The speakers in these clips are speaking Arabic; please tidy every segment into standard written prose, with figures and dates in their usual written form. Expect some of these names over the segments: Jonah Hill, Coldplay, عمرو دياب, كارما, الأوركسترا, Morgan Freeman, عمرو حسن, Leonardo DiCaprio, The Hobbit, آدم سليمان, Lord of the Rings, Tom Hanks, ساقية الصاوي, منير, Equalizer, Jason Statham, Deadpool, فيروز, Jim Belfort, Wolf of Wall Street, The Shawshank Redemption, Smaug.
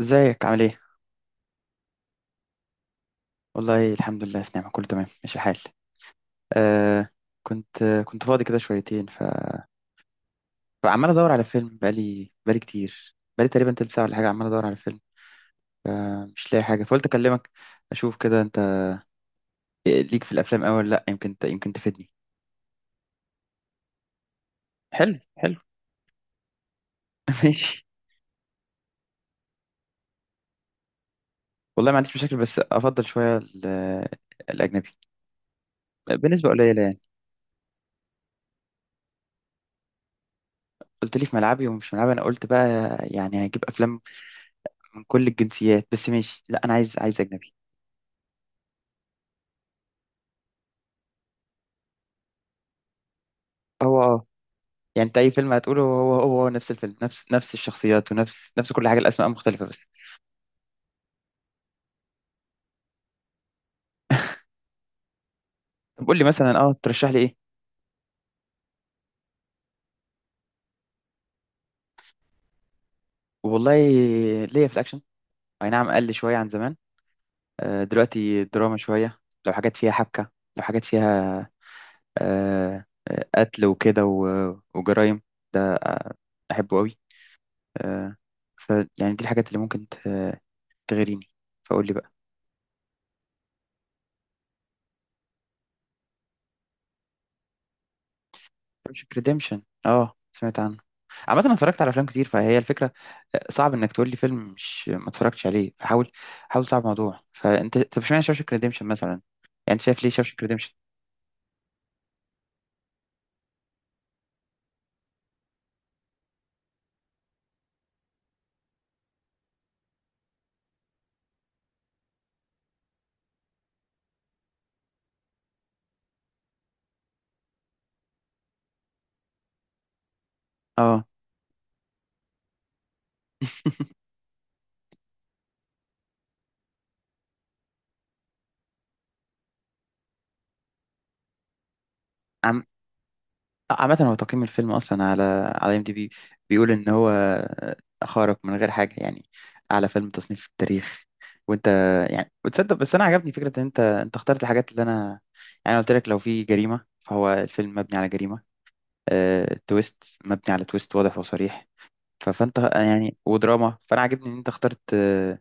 ازيك عامل ايه؟ والله الحمد لله في نعمة، كله تمام، ماشي الحال. آه. كنت فاضي كده شويتين فعمال ادور على فيلم بقالي كتير، بقالي تقريبا تلت ساعة ولا حاجة، عمال ادور على فيلم. ف- مش لاقي حاجة، فقلت اكلمك. اشوف كده انت ليك في الافلام أوي ولا لا، يمكن يمكن تفيدني. حلو حلو. ماشي. والله ما عنديش مشاكل، بس افضل شوية الاجنبي بنسبة قليلة يعني. قلت لي في ملعبي ومش ملعبي، انا قلت بقى يعني هجيب افلام من كل الجنسيات، بس ماشي، لا انا عايز، عايز اجنبي. هو اه، يعني انت اي فيلم هتقوله هو نفس الفيلم، نفس الشخصيات، ونفس كل حاجه، الاسماء مختلفه بس. طب قول لي مثلا اه، ترشح لي ايه؟ والله ليا في الاكشن، اي نعم قل شويه عن زمان. آه، دلوقتي دراما شويه. لو حاجات فيها حبكه، لو حاجات فيها آه آه، قتل وكده وجرايم، ده آه، احبه قوي. آه. فيعني دي الحاجات اللي ممكن تغريني، فقول لي بقى. مش ريديمشن، اه سمعت عنه. عامة انا اتفرجت على افلام كتير، فهي الفكرة آه، صعب انك تقول لي فيلم مش ما اتفرجتش عليه، فحاول. حاول، صعب الموضوع. فانت طب اشمعنى شاوشانك ريديمشن مثلا يعني؟ انت شايف ليه شاوشانك ريديمشن؟ اه. عم... عامة هو تقييم الفيلم اصلا على على ام دي بي بيقول ان هو آه، خارق من غير حاجة يعني، اعلى فيلم تصنيف في التاريخ. وانت يعني، وتصدق بس انا عجبني فكرة ان انت اخترت الحاجات اللي انا يعني، أنا قلت لك لو في جريمة فهو الفيلم مبني على جريمة، آه، تويست مبني على تويست، واضح وصريح. فانت يعني، ودراما، فانا عاجبني ان انت اخترت آه،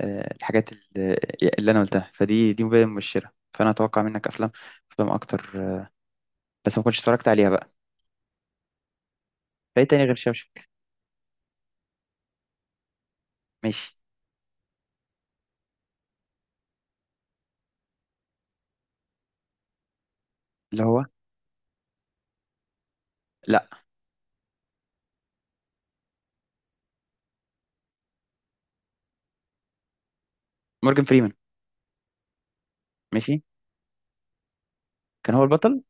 آه، الحاجات اللي انا قلتها، فدي دي مبادئ مبشره، فانا اتوقع منك افلام، افلام اكتر آه، بس ما كنتش اتفرجت عليها بقى. فايه تاني غير شاوشنك؟ ماشي. اللي هو لا. مورجان فريمان. ماشي. كان هو البطل.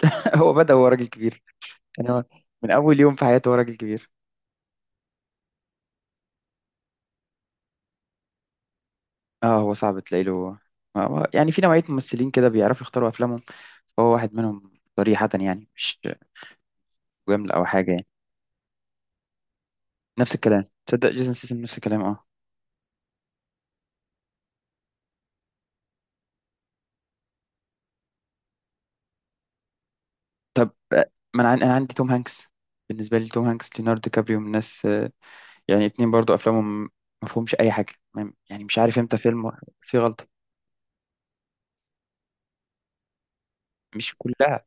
هو بدأ هو راجل كبير، يعني هو من اول يوم في حياته هو راجل كبير. اه هو صعب تلاقي له، يعني في نوعيه ممثلين كده بيعرفوا يختاروا افلامهم، فهو واحد منهم صريحه يعني، مش جمله او حاجه يعني. نفس الكلام، تصدق جيسون سيسم نفس الكلام اه. ف- ما انا انا عندي توم هانكس، بالنسبه لي توم هانكس ليوناردو دي كابريو من الناس آه، يعني اتنين برضو افلامهم ما فيهمش اي حاجه، يعني مش عارف امتى فيلم فيه غلطه. مش كلها.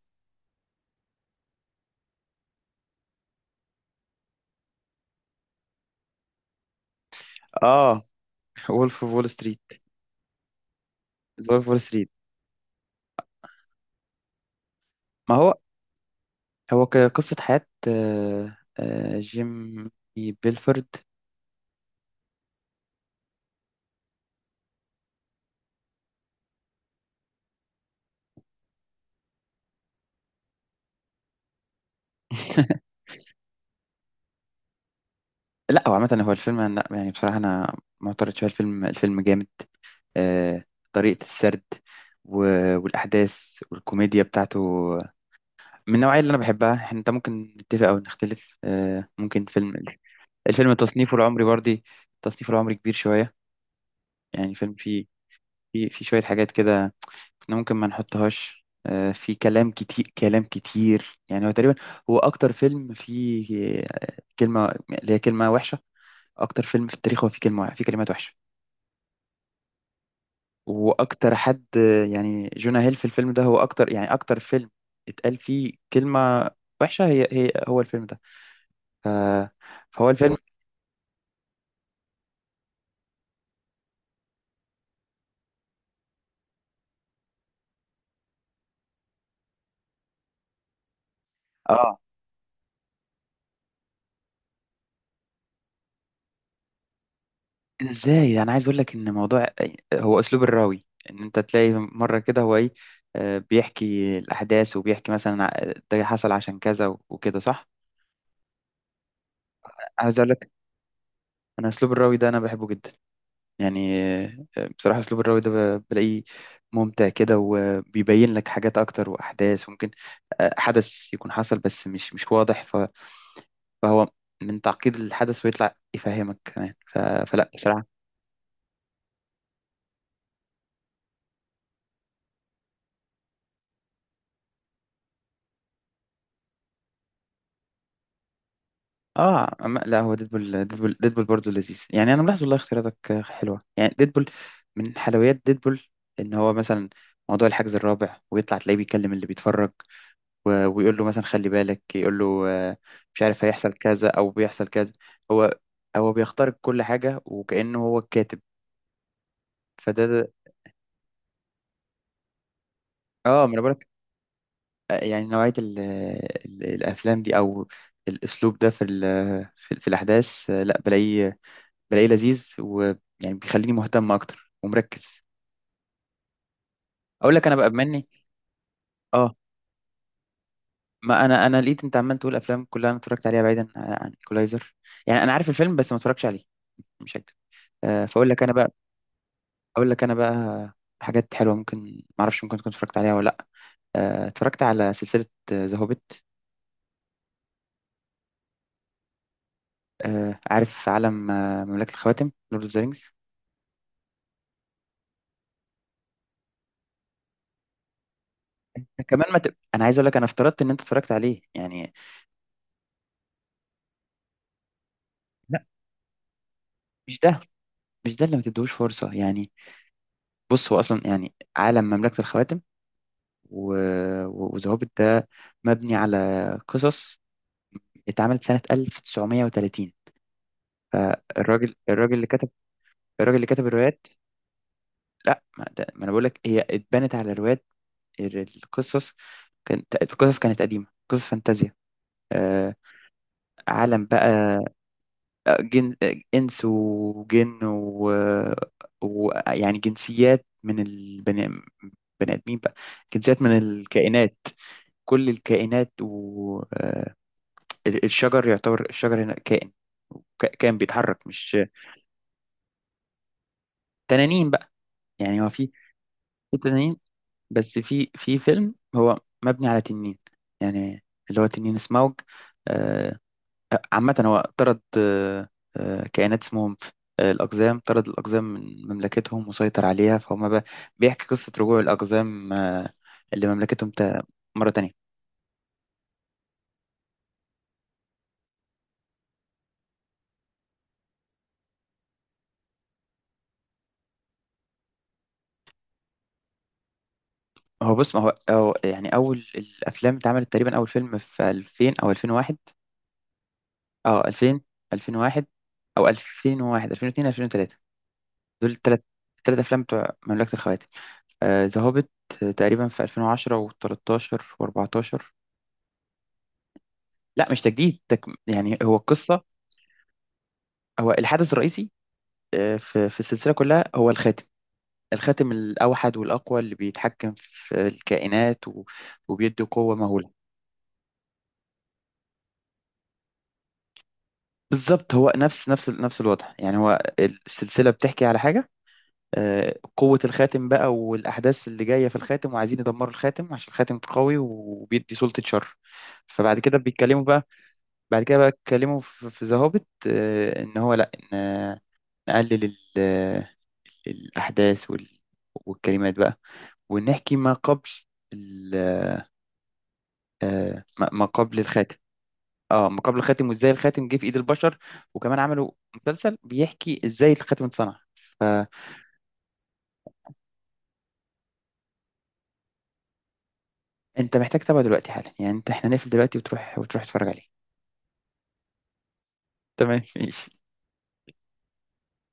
اه. وولف اوف وول ستريت. وولف اوف وول ستريت. ما هو، هو قصه حياه آه، آه، جيم بيلفورد. لا هو عامه هو الفيلم، لا يعني بصراحه انا معترض شويه، الفيلم الفيلم جامد آه، طريقه السرد والاحداث والكوميديا بتاعته من النوعية اللي أنا بحبها. أنت ممكن نتفق أو نختلف آه، ممكن فيلم. الفيلم تصنيفه العمري برضه، تصنيفه العمري كبير شوية، يعني فيلم فيه، فيه شوية حاجات كده كنا ممكن ما نحطهاش آه، في كلام كتير، كلام كتير يعني هو تقريبا هو أكتر فيلم فيه آه، كلمة، اللي هي كلمة وحشة. أكتر فيلم في التاريخ هو فيه كلمة، فيه كلمات وحشة. وأكتر حد آه، يعني جونا هيل في الفيلم ده هو أكتر يعني أكتر فيلم اتقال فيه كلمة وحشة، هي هو الفيلم ده. ف- فهو الفيلم. اه. إيه ده ازاي، انا عايز اقول لك ان موضوع، هو اسلوب الراوي ان انت تلاقي مره كده هو ايه، آه، بيحكي الاحداث وبيحكي مثلا ده حصل عشان كذا وكده، صح. عايز اقول لك انا اسلوب الراوي ده انا بحبه جدا، يعني آه، بصراحه اسلوب الراوي ده بلاقيه ممتع كده، وبيبين لك حاجات اكتر واحداث ممكن آه، حدث يكون حصل بس مش واضح، فهو من تعقيد الحدث ويطلع يفهمك كمان، فلا بصراحه. اه أما لا، هو ديدبول، ديدبول برضه لذيذ يعني، انا ملاحظ والله اختياراتك حلوه. يعني ديدبول من حلويات ديدبول ان هو مثلا موضوع الحجز الرابع، ويطلع تلاقيه بيكلم اللي بيتفرج ويقول له مثلا خلي بالك، يقول له آه، مش عارف هيحصل كذا او بيحصل كذا. هو هو بيخترق كل حاجه وكانه هو الكاتب. فده اه، ما انا بقولك آه، يعني نوعيه ال الافلام دي، او الاسلوب ده في في، في الاحداث آه، لا بلاقيه، بلاقيه لذيذ ويعني بيخليني مهتم اكتر ومركز. اقول لك انا بقى بما اني اه، ما انا لقيت انت عمال تقول افلام كلها انا اتفرجت عليها، بعيدا عن ايكولايزر يعني، انا عارف الفيلم بس ما اتفرجتش عليه، مش هكدب آه، فاقول لك انا بقى، اقول لك انا بقى حاجات حلوه ممكن ما اعرفش ممكن تكون اتفرجت عليها ولا لا. آه، اتفرجت على سلسله ذا هوبيت. عارف عالم آه، مملكه الخواتم، لورد اوف ذا رينجز. كمان ما ت... انا عايز اقول لك انا افترضت ان انت اتفرجت عليه يعني. لا مش ده، مش ده اللي ما تديهوش فرصه يعني. بص هو اصلا يعني عالم مملكه الخواتم وذهبت ده مبني على قصص اتعملت سنه 1930، فالراجل اللي كتب، الراجل اللي كتب الروايات. لا ما، ده ما انا بقول لك هي اتبنت على روايات، القصص، كانت القصص كانت قديمه، قصص فانتازيا آه، عالم بقى آه، جن آه، انس وجن ويعني جنسيات من البني، بني ادمين بقى، جنسيات من الكائنات، كل الكائنات والشجر، يعتبر الشجر هنا كائن، كائن بيتحرك مش تنانين بقى، يعني هو في في تنانين. بس في في فيلم هو مبني على تنين، يعني اللي هو تنين سموج آه، آه، عامة هو طرد آه، آه، كائنات اسمهم آه، الأقزام، طرد الأقزام من مملكتهم وسيطر عليها فهم بقى، بيحكي قصة رجوع الأقزام آه، لمملكتهم مرة تانية. هو بص ما هو يعني اول الافلام اتعملت تقريبا اول فيلم في 2000 او 2001، اه 2000 2001، او 2001 2002 2003، دول الثلاث، الثلاث افلام بتوع مملكة الخواتم. ذا هوبيت تقريبا في 2010 و13 و14. لا مش تجديد يعني هو القصة، هو الحدث الرئيسي آه، في في السلسلة كلها هو الخاتم، الخاتم الأوحد والأقوى اللي بيتحكم في الكائنات وبيدي قوة مهولة. بالظبط، هو نفس الوضع يعني، هو السلسلة بتحكي على حاجة آه، قوة الخاتم بقى، والأحداث اللي جاية في الخاتم، وعايزين يدمروا الخاتم عشان الخاتم قوي وبيدي سلطة شر. فبعد كده بيتكلموا بقى، بعد كده بقى اتكلموا في ذا هوبيت، إن هو لأ، إن نقلل ال- الأحداث والكلمات بقى، ونحكي ما قبل ال- آه، ما قبل الخاتم. اه ما قبل الخاتم، وازاي الخاتم جه في ايد البشر. وكمان عملوا مسلسل بيحكي ازاي الخاتم اتصنع. فانت محتاج تتابعه دلوقتي حالا يعني، انت احنا نقفل دلوقتي وتروح، وتروح تتفرج عليه. تمام ماشي.